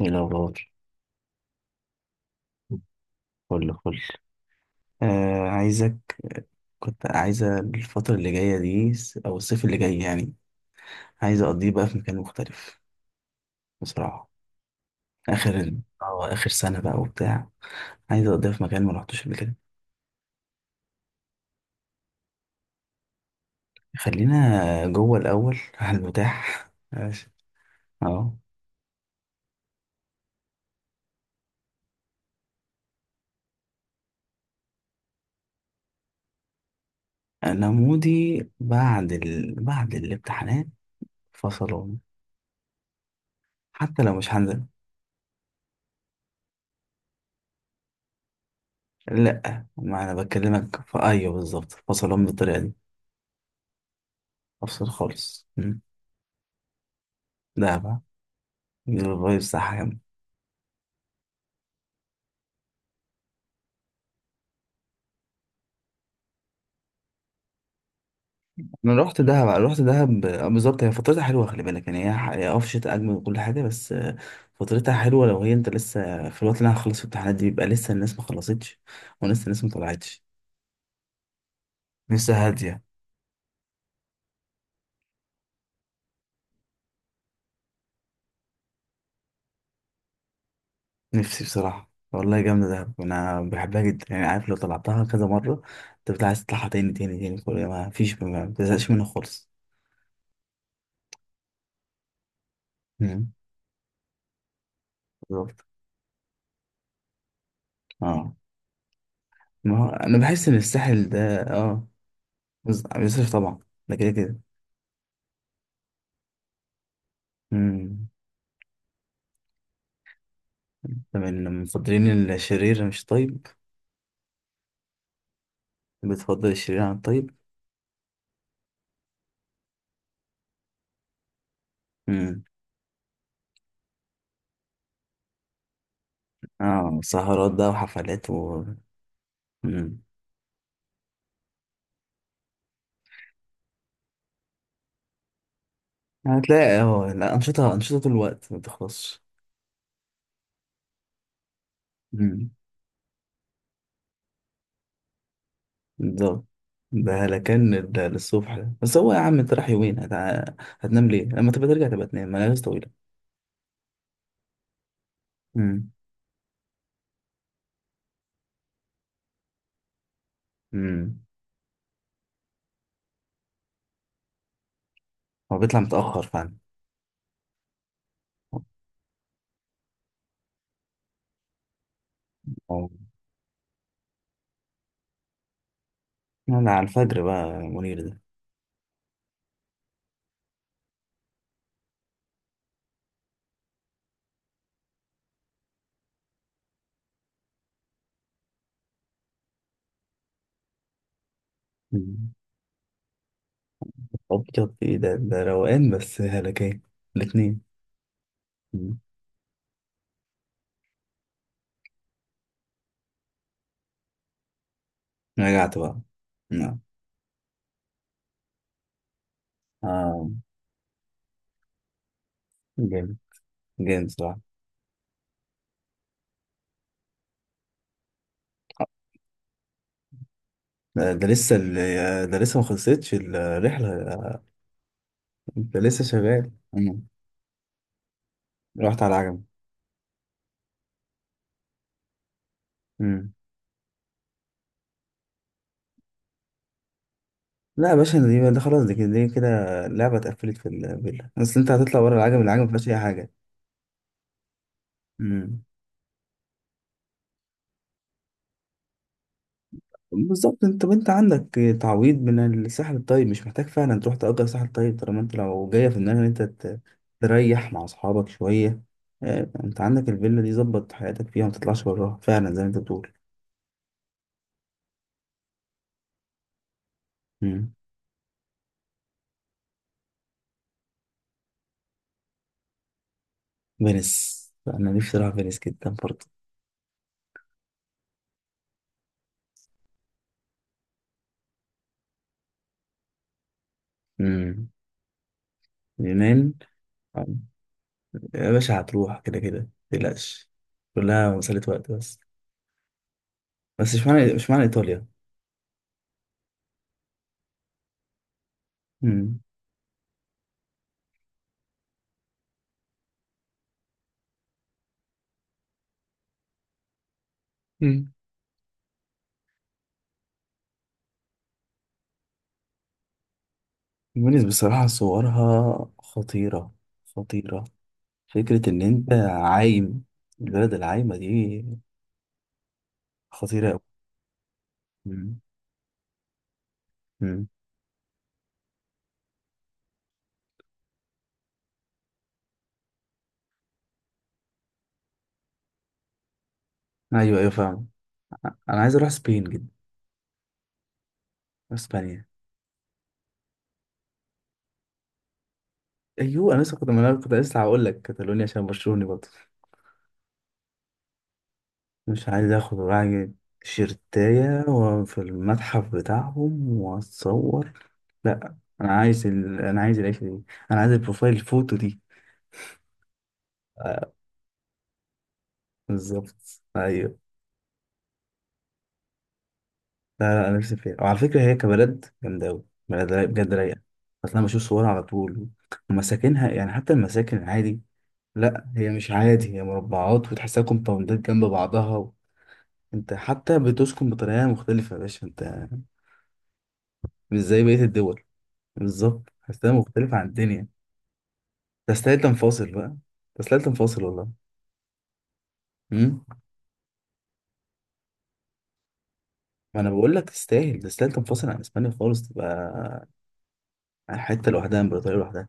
ايه الأخبار؟ فل فل. آه، عايزك. كنت عايزة الفترة اللي جاية دي س- أو الصيف اللي جاي يعني، عايزة أقضيه بقى في مكان مختلف بصراحة. آخر ال- اه آخر سنة بقى وبتاع، عايزة أقضيها في مكان ما رحتوش قبل كده. خلينا جوه الأول على المتاح ماشي. اه، أنا مودي بعد الامتحانات فصلان. حتى لو مش هنزل. لأ، ما أنا بكلمك في أيوه، بالظبط فصلان بالطريقة دي. أفصل خالص. مم. ده بقى الفايب صح يا عم. انا رحت دهب، رحت دهب آه، بالظبط هي فترتها حلوه، خلي بالك يعني هي في شتاء اجمل وكل حاجه بس آه، فترتها حلوه لو هي، انت لسه في الوقت اللي انا هخلص في الامتحانات دي بيبقى لسه الناس ما خلصتش ولسه الناس ما طلعتش، لسه هاديه. نفسي بصراحه والله، جامده دهب، انا بحبها جدا يعني. عارف لو طلعتها كذا مره انت بتبقى عايز تطلعها تاني تاني تاني، كل ما فيش، ما بتزهقش منها خالص. مم. بالظبط. اه، ما هو انا بحس ان الساحل ده اه بيصرف طبعا، ده كده كده. مم. من مفضلين الشرير مش طيب. بتفضل الشرير عن الطيب. امم. اه، سهرات بقى وحفلات و... امم. هتلاقي اه لا، أنشطة أنشطة طول الوقت ما بتخلصش. امم. بالظبط. ده لكن للصبح ده. بس هو يا عم، انت رايح يومين هتع... هتنام ليه؟ لما تبقى ترجع تبقى تنام ملابس طويلة. امم. امم. هو بيطلع متأخر فعلا. اه، لا على الفجر بقى منير ده. مم. أبيض إيه ده؟ ده روقان بس هلكان الاتنين. رجعت بقى. نعم. آه، جامد. جامد صراحة. ده ده ده لسه ما خلصتش الرحلة. ده لسه شغال. مم. رحت على العجمي. مم. لا يا باشا، دي ده خلاص، دي كده دي كده لعبة اتقفلت في الفيلا، بس انت هتطلع ورا، العجمي العجمي ما فيهاش أي حاجة. مم. بالظبط، انت وانت عندك تعويض من الساحل الطيب، مش محتاج فعلا تروح تأجر ساحل طيب، طالما انت لو جاية في دماغك ان تريح مع اصحابك شوية. اه، انت عندك الفيلا دي، ظبط حياتك فيها وما تطلعش براها فعلا زي ما انت بتقول. مم. فينيس انا نفسي اروح فينيس جدا برضه. مم. اليونان. اه، يا باشا هتروح كده كده متقلقش، كلها مسألة وقت بس. بس مش معنى ايطاليا. مم. مم. فينيس بصراحة صورها خطيرة. خطيرة. فكرة إن أنت عايم، البلد العايمة دي، خطيرة أوي. مم. مم. أيوه أيوه فاهم. أنا عايز أروح سبين جدا. أسبانيا. أيوه، أنا كنت لسه هقول لك كاتالونيا عشان برشلوني برضه. مش عايز آخد وراها شيرتاية وفي المتحف بتاعهم وأتصور. لأ، أنا عايز العيشة دي. أنا عايز البروفايل الفوتو دي. بالظبط. أيوه. لا لا، انا نفسي فيها، وعلى فكره هي كبلد جامده قوي، بجد رايقه. اصل انا بشوف صورها على طول ومساكنها، يعني حتى المساكن العادي. لا هي مش عادي، هي مربعات وتحسها كومباوندات جنب بعضها و... انت حتى بتسكن بطريقه مختلفه يا باشا انت، مش زي بقيه الدول. بالظبط، تحسها مختلفه عن الدنيا. تستاهل تنفصل بقى. تستاهل تنفصل والله. امم. ما انا بقول لك، تستاهل تنفصل عن اسبانيا خالص، تبقى حته لوحدها، امبراطوريه لوحدها.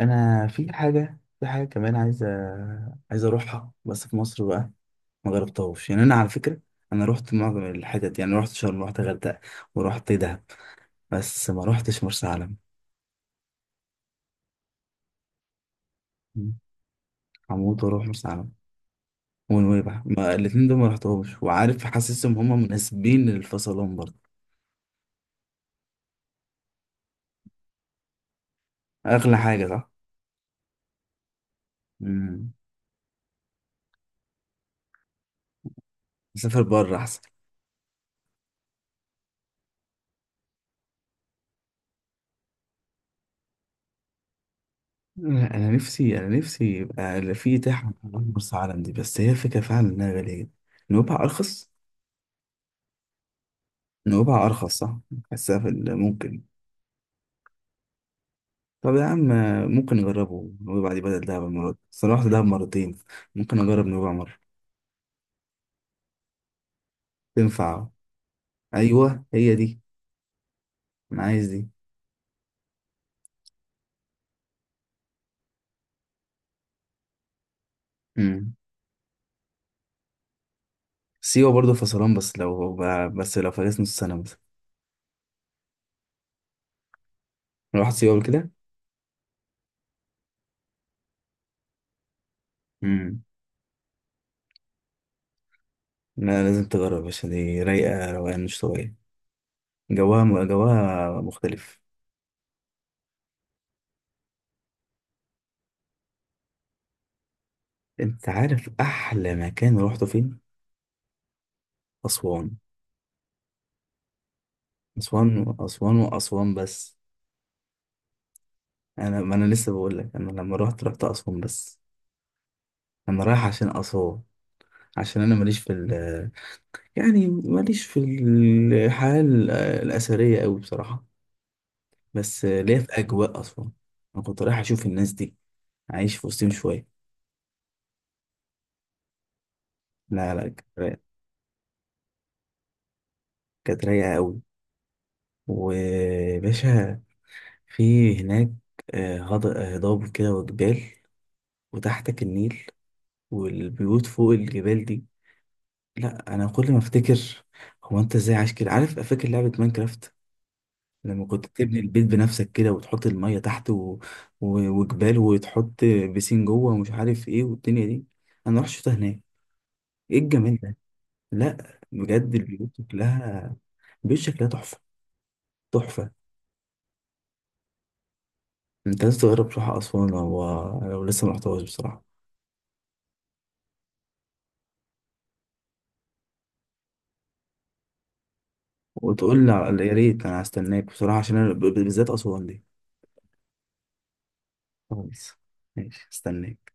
انا في حاجه كمان عايز اروحها بس في مصر بقى. ما جربتهاش يعني، انا على فكره انا رحت معظم الحتت، يعني رحت شرم، رحت غردقه، ورحت دهب، بس ما رحتش مرسى علم. مم. هموت واروح مرسى علم ونويبع. ما الاتنين دول ما رحتهمش، وعارف حاسسهم هما مناسبين للفصلان برضه. اغلى حاجه صح. امم. سافر بره احسن. لا انا نفسي، انا نفسي يبقى في اتاحه مرسى علم دي، بس هي فكره فعلا انها غاليه جدا. نويبع ارخص. نويبع أرخص صح؟ حاسها ممكن. طب يا عم، ممكن نجربه نويبع دي بدل دهب المرة دي، أصل أنا رحت دهب مرتين. ممكن أجرب نويبع مرة. تنفع. أيوه هي دي. أنا عايز دي. مم. سيوة برضه فصلان، بس لو، بس لو فاكس نص سنة مثلا. رحت سيوة قبل كده؟ مم. لا لازم تجرب، عشان دي رايقة روقان مش طبيعي. جواها، جواها مختلف. أنت عارف أحلى مكان روحته فين؟ أسوان. أسوان. أسوان وأسوان بس. انا، ما انا لسه بقول لك انا لما رحت، رحت اسوان بس، انا رايح عشان اسوان. عشان انا ماليش في ال، يعني ماليش في الاثريه قوي بصراحه، بس ليا في اجواء اسوان. انا كنت رايح اشوف الناس دي، عايش في وسطهم شويه. لا لا كانت رايقة- كانت رايقه قوي. وباشا، في هناك آه، هضاب كده وجبال، وتحتك النيل، والبيوت فوق الجبال دي. لا انا كل ما افتكر، هو انت ازاي عايش كده؟ عارف فاكر لعبه ماينكرافت، لما كنت تبني البيت بنفسك كده وتحط الميه تحت و... و... وجبال، وتحط بيسين جوه ومش عارف ايه والدنيا دي. انا رحت شفتها هناك، ايه الجمال ده؟ لا بجد البيوت شكلها تحفه. تحفه. انت لازم تجرب تروح اسوان لو، لو لسه ما رحتهاش بصراحه. يا ريت، انا هستناك بصراحه عشان انا بالذات اسوان دي. خلاص ماشي، استناك.